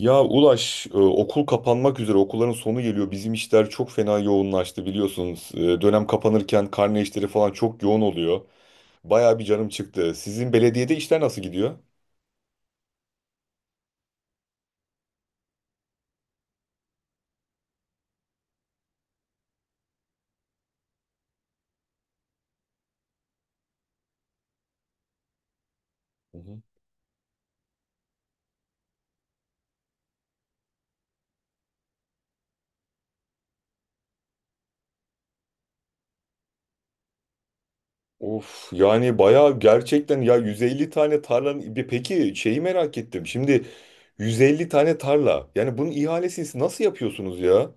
Ya Ulaş, okul kapanmak üzere, okulların sonu geliyor. Bizim işler çok fena yoğunlaştı biliyorsunuz. Dönem kapanırken karne işleri falan çok yoğun oluyor. Bayağı bir canım çıktı. Sizin belediyede işler nasıl gidiyor? Hı hı. Of yani bayağı gerçekten ya 150 tane tarlanın peki şeyi merak ettim. Şimdi 150 tane tarla. Yani bunun ihalesini nasıl yapıyorsunuz ya?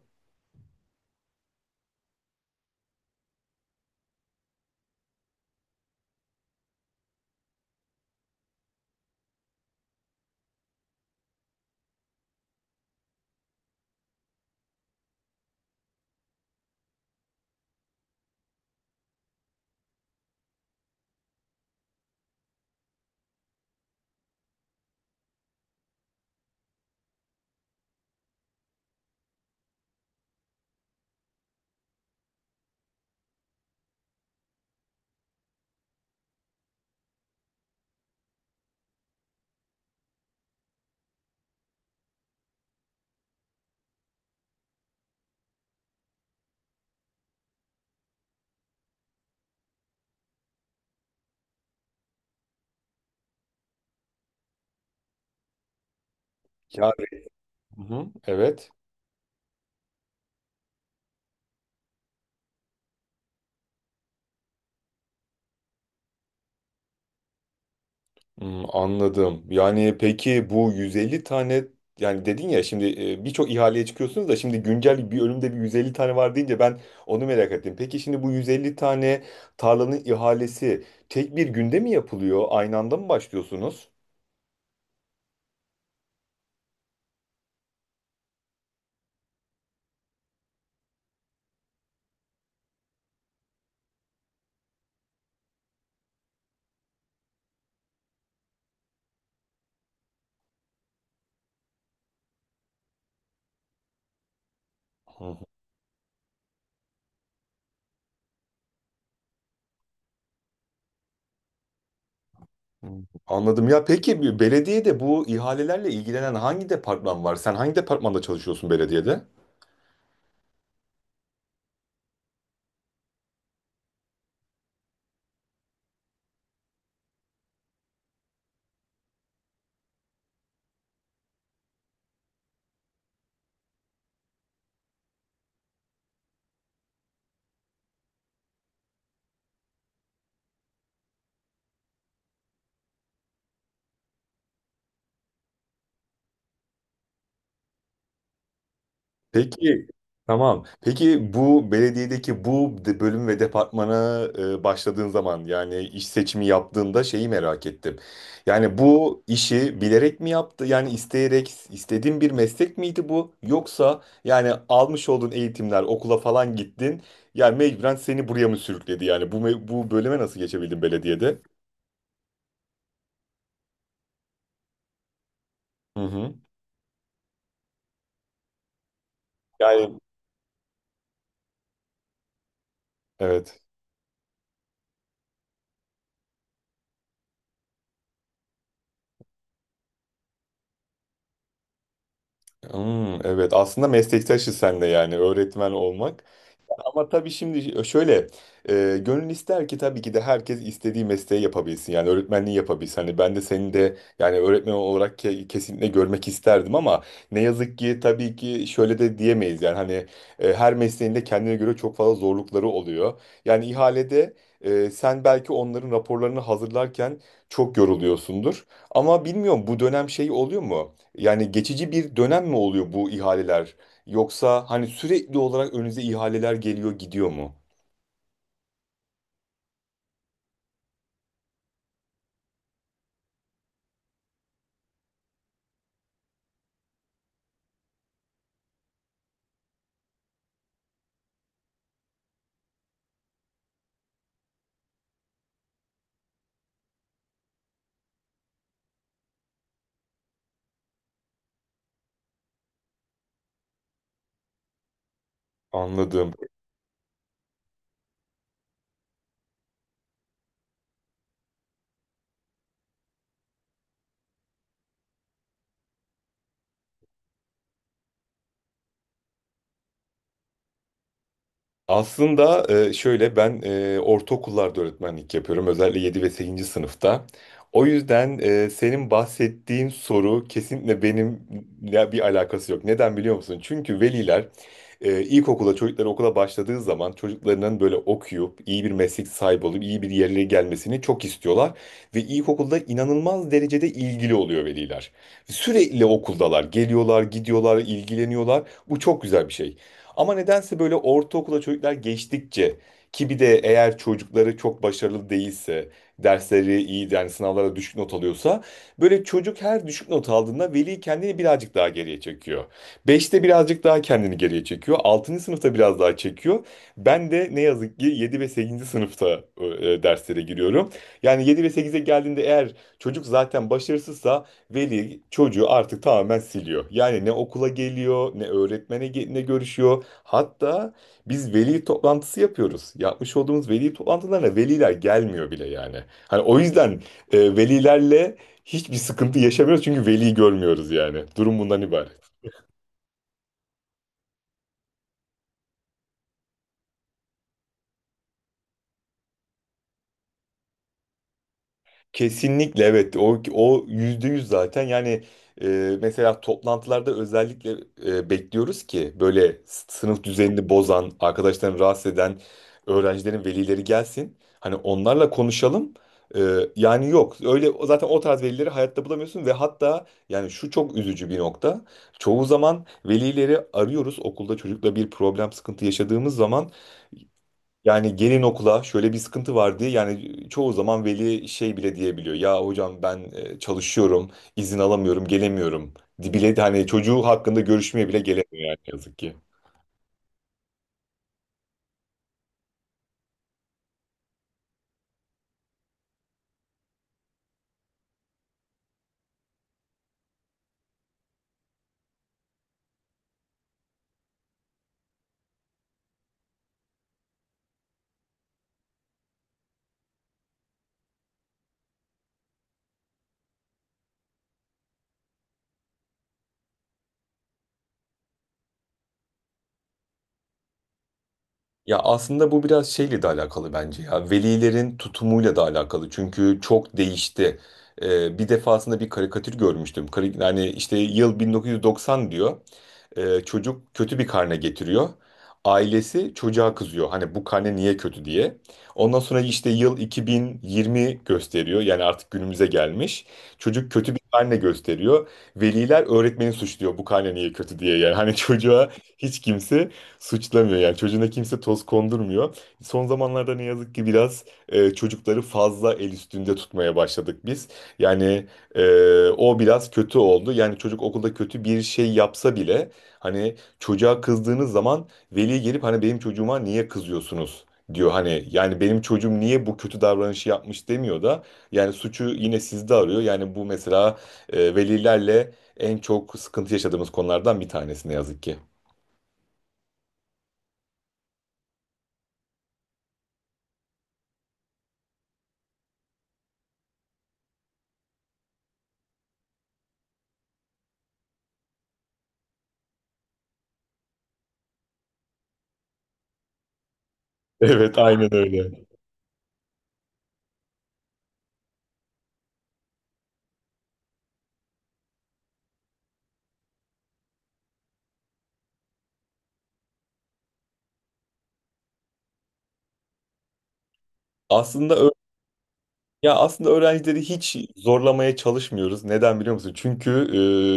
Yani, hı hı, evet. Hmm, anladım. Yani peki bu 150 tane, yani dedin ya, şimdi birçok ihaleye çıkıyorsunuz da şimdi güncel bir önümde bir 150 tane var deyince ben onu merak ettim. Peki şimdi bu 150 tane tarlanın ihalesi tek bir günde mi yapılıyor? Aynı anda mı başlıyorsunuz? Hmm, anladım ya. Peki bir belediyede bu ihalelerle ilgilenen hangi departman var? Sen hangi departmanda çalışıyorsun belediyede? Peki tamam. Peki bu belediyedeki bu bölüm ve departmana başladığın zaman yani iş seçimi yaptığında şeyi merak ettim. Yani bu işi bilerek mi yaptı? Yani isteyerek istediğin bir meslek miydi bu? Yoksa yani almış olduğun eğitimler, okula falan gittin. Yani mecburen seni buraya mı sürükledi? Yani bu bu bölüme nasıl geçebildin belediyede? Hı hı. Yani evet. Hmm, evet. Aslında meslektaşız sen de, yani öğretmen olmak. Ama tabii şimdi şöyle, gönül ister ki tabii ki de herkes istediği mesleği yapabilsin. Yani öğretmenliği yapabilsin. Hani ben de seni de yani öğretmen olarak kesinlikle görmek isterdim ama ne yazık ki tabii ki şöyle de diyemeyiz. Yani hani, her mesleğin de kendine göre çok fazla zorlukları oluyor. Yani ihalede sen belki onların raporlarını hazırlarken çok yoruluyorsundur. Ama bilmiyorum bu dönem şey oluyor mu? Yani geçici bir dönem mi oluyor bu ihaleler? Yoksa hani sürekli olarak önünüze ihaleler geliyor gidiyor mu? Anladım. Aslında şöyle ben ortaokullarda öğretmenlik yapıyorum. Özellikle 7 ve 8. sınıfta. O yüzden senin bahsettiğin soru kesinlikle benimle bir alakası yok. Neden biliyor musun? Çünkü veliler, ilkokula çocuklar okula başladığı zaman çocuklarının böyle okuyup iyi bir meslek sahibi olup iyi bir yerlere gelmesini çok istiyorlar. Ve ilkokulda inanılmaz derecede ilgili oluyor veliler. Sürekli okuldalar. Geliyorlar, gidiyorlar, ilgileniyorlar. Bu çok güzel bir şey. Ama nedense böyle ortaokula çocuklar geçtikçe, ki bir de eğer çocukları çok başarılı değilse, dersleri iyi yani sınavlara düşük not alıyorsa, böyle çocuk her düşük not aldığında veli kendini birazcık daha geriye çekiyor. Beşte birazcık daha kendini geriye çekiyor. 6. sınıfta biraz daha çekiyor. Ben de ne yazık ki 7 ve sekizinci sınıfta, derslere giriyorum. Yani 7 ve sekize geldiğinde eğer çocuk zaten başarısızsa veli çocuğu artık tamamen siliyor. Yani ne okula geliyor, ne öğretmene ne görüşüyor. Hatta biz veli toplantısı yapıyoruz. Yapmış olduğumuz veli toplantılarına veliler gelmiyor bile yani. Hani o yüzden velilerle hiçbir sıkıntı yaşamıyoruz çünkü veli görmüyoruz yani. Durum bundan ibaret. Kesinlikle evet, o yüzde yüz zaten yani, mesela toplantılarda özellikle bekliyoruz ki böyle sınıf düzenini bozan, arkadaşlarını rahatsız eden öğrencilerin velileri gelsin hani onlarla konuşalım. E, Yani yok öyle, zaten o tarz velileri hayatta bulamıyorsun ve hatta yani şu çok üzücü bir nokta, çoğu zaman velileri arıyoruz okulda çocukla bir problem sıkıntı yaşadığımız zaman, yani gelin okula şöyle bir sıkıntı var diye, yani çoğu zaman veli şey bile diyebiliyor. Ya hocam ben çalışıyorum, izin alamıyorum, gelemiyorum. Bile de hani çocuğu hakkında görüşmeye bile gelemiyor yani yazık ki. Ya aslında bu biraz şeyle de alakalı bence ya. Velilerin tutumuyla da alakalı. Çünkü çok değişti. Bir defasında bir karikatür görmüştüm. Yani işte yıl 1990 diyor. Çocuk kötü bir karne getiriyor. Ailesi çocuğa kızıyor. Hani bu karne niye kötü diye. Ondan sonra işte yıl 2020 gösteriyor. Yani artık günümüze gelmiş. Çocuk kötü bir karne gösteriyor. Veliler öğretmeni suçluyor bu karne niye kötü diye. Yani hani çocuğa hiç kimse suçlamıyor, yani çocuğuna kimse toz kondurmuyor. Son zamanlarda ne yazık ki biraz çocukları fazla el üstünde tutmaya başladık biz. Yani e, O biraz kötü oldu. Yani çocuk okulda kötü bir şey yapsa bile hani çocuğa kızdığınız zaman veli gelip hani benim çocuğuma niye kızıyorsunuz diyor, hani yani benim çocuğum niye bu kötü davranışı yapmış demiyor da yani suçu yine sizde arıyor. Yani bu mesela velilerle en çok sıkıntı yaşadığımız konulardan bir tanesi ne yazık ki. Evet aynen öyle. Aslında ö- Ya aslında öğrencileri hiç zorlamaya çalışmıyoruz. Neden biliyor musun? Çünkü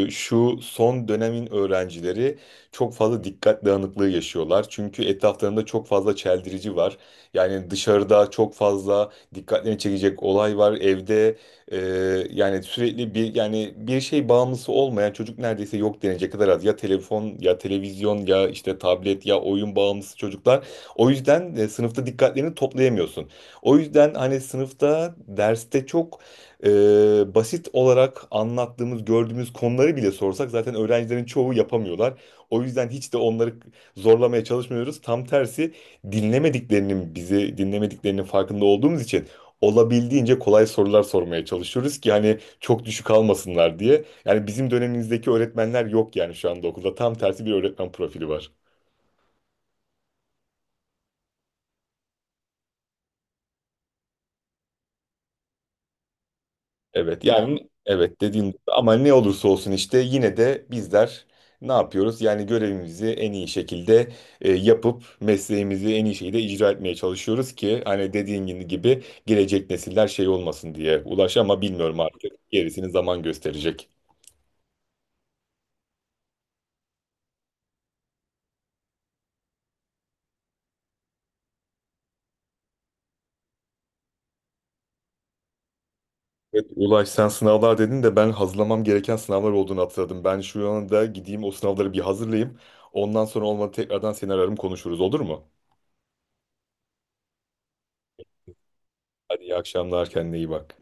şu son dönemin öğrencileri çok fazla dikkat dağınıklığı yaşıyorlar. Çünkü etraflarında çok fazla çeldirici var. Yani dışarıda çok fazla dikkatlerini çekecek olay var. Evde e, yani sürekli bir yani bir şey bağımlısı olmayan çocuk neredeyse yok denecek kadar az. Ya telefon ya televizyon ya işte tablet ya oyun bağımlısı çocuklar. O yüzden sınıfta dikkatlerini toplayamıyorsun. O yüzden hani sınıfta, derste çok e, basit olarak anlattığımız, gördüğümüz konuları bile sorsak zaten öğrencilerin çoğu yapamıyorlar. O yüzden hiç de onları zorlamaya çalışmıyoruz. Tam tersi, dinlemediklerinin, bizi dinlemediklerinin farkında olduğumuz için olabildiğince kolay sorular sormaya çalışıyoruz ki hani çok düşük almasınlar diye. Yani bizim dönemimizdeki öğretmenler yok yani şu anda okulda. Tam tersi bir öğretmen profili var. Evet yani, evet dediğim gibi, ama ne olursa olsun işte yine de bizler ne yapıyoruz? Yani görevimizi en iyi şekilde yapıp mesleğimizi en iyi şekilde icra etmeye çalışıyoruz ki hani dediğin gibi gelecek nesiller şey olmasın diye. Ulaş ama bilmiyorum, artık gerisini zaman gösterecek. Evet, Ulaş, sen sınavlar dedin de ben hazırlamam gereken sınavlar olduğunu hatırladım. Ben şu anda gideyim o sınavları bir hazırlayayım. Ondan sonra olmadı tekrardan seni ararım, konuşuruz, olur mu? Hadi iyi akşamlar, kendine iyi bak.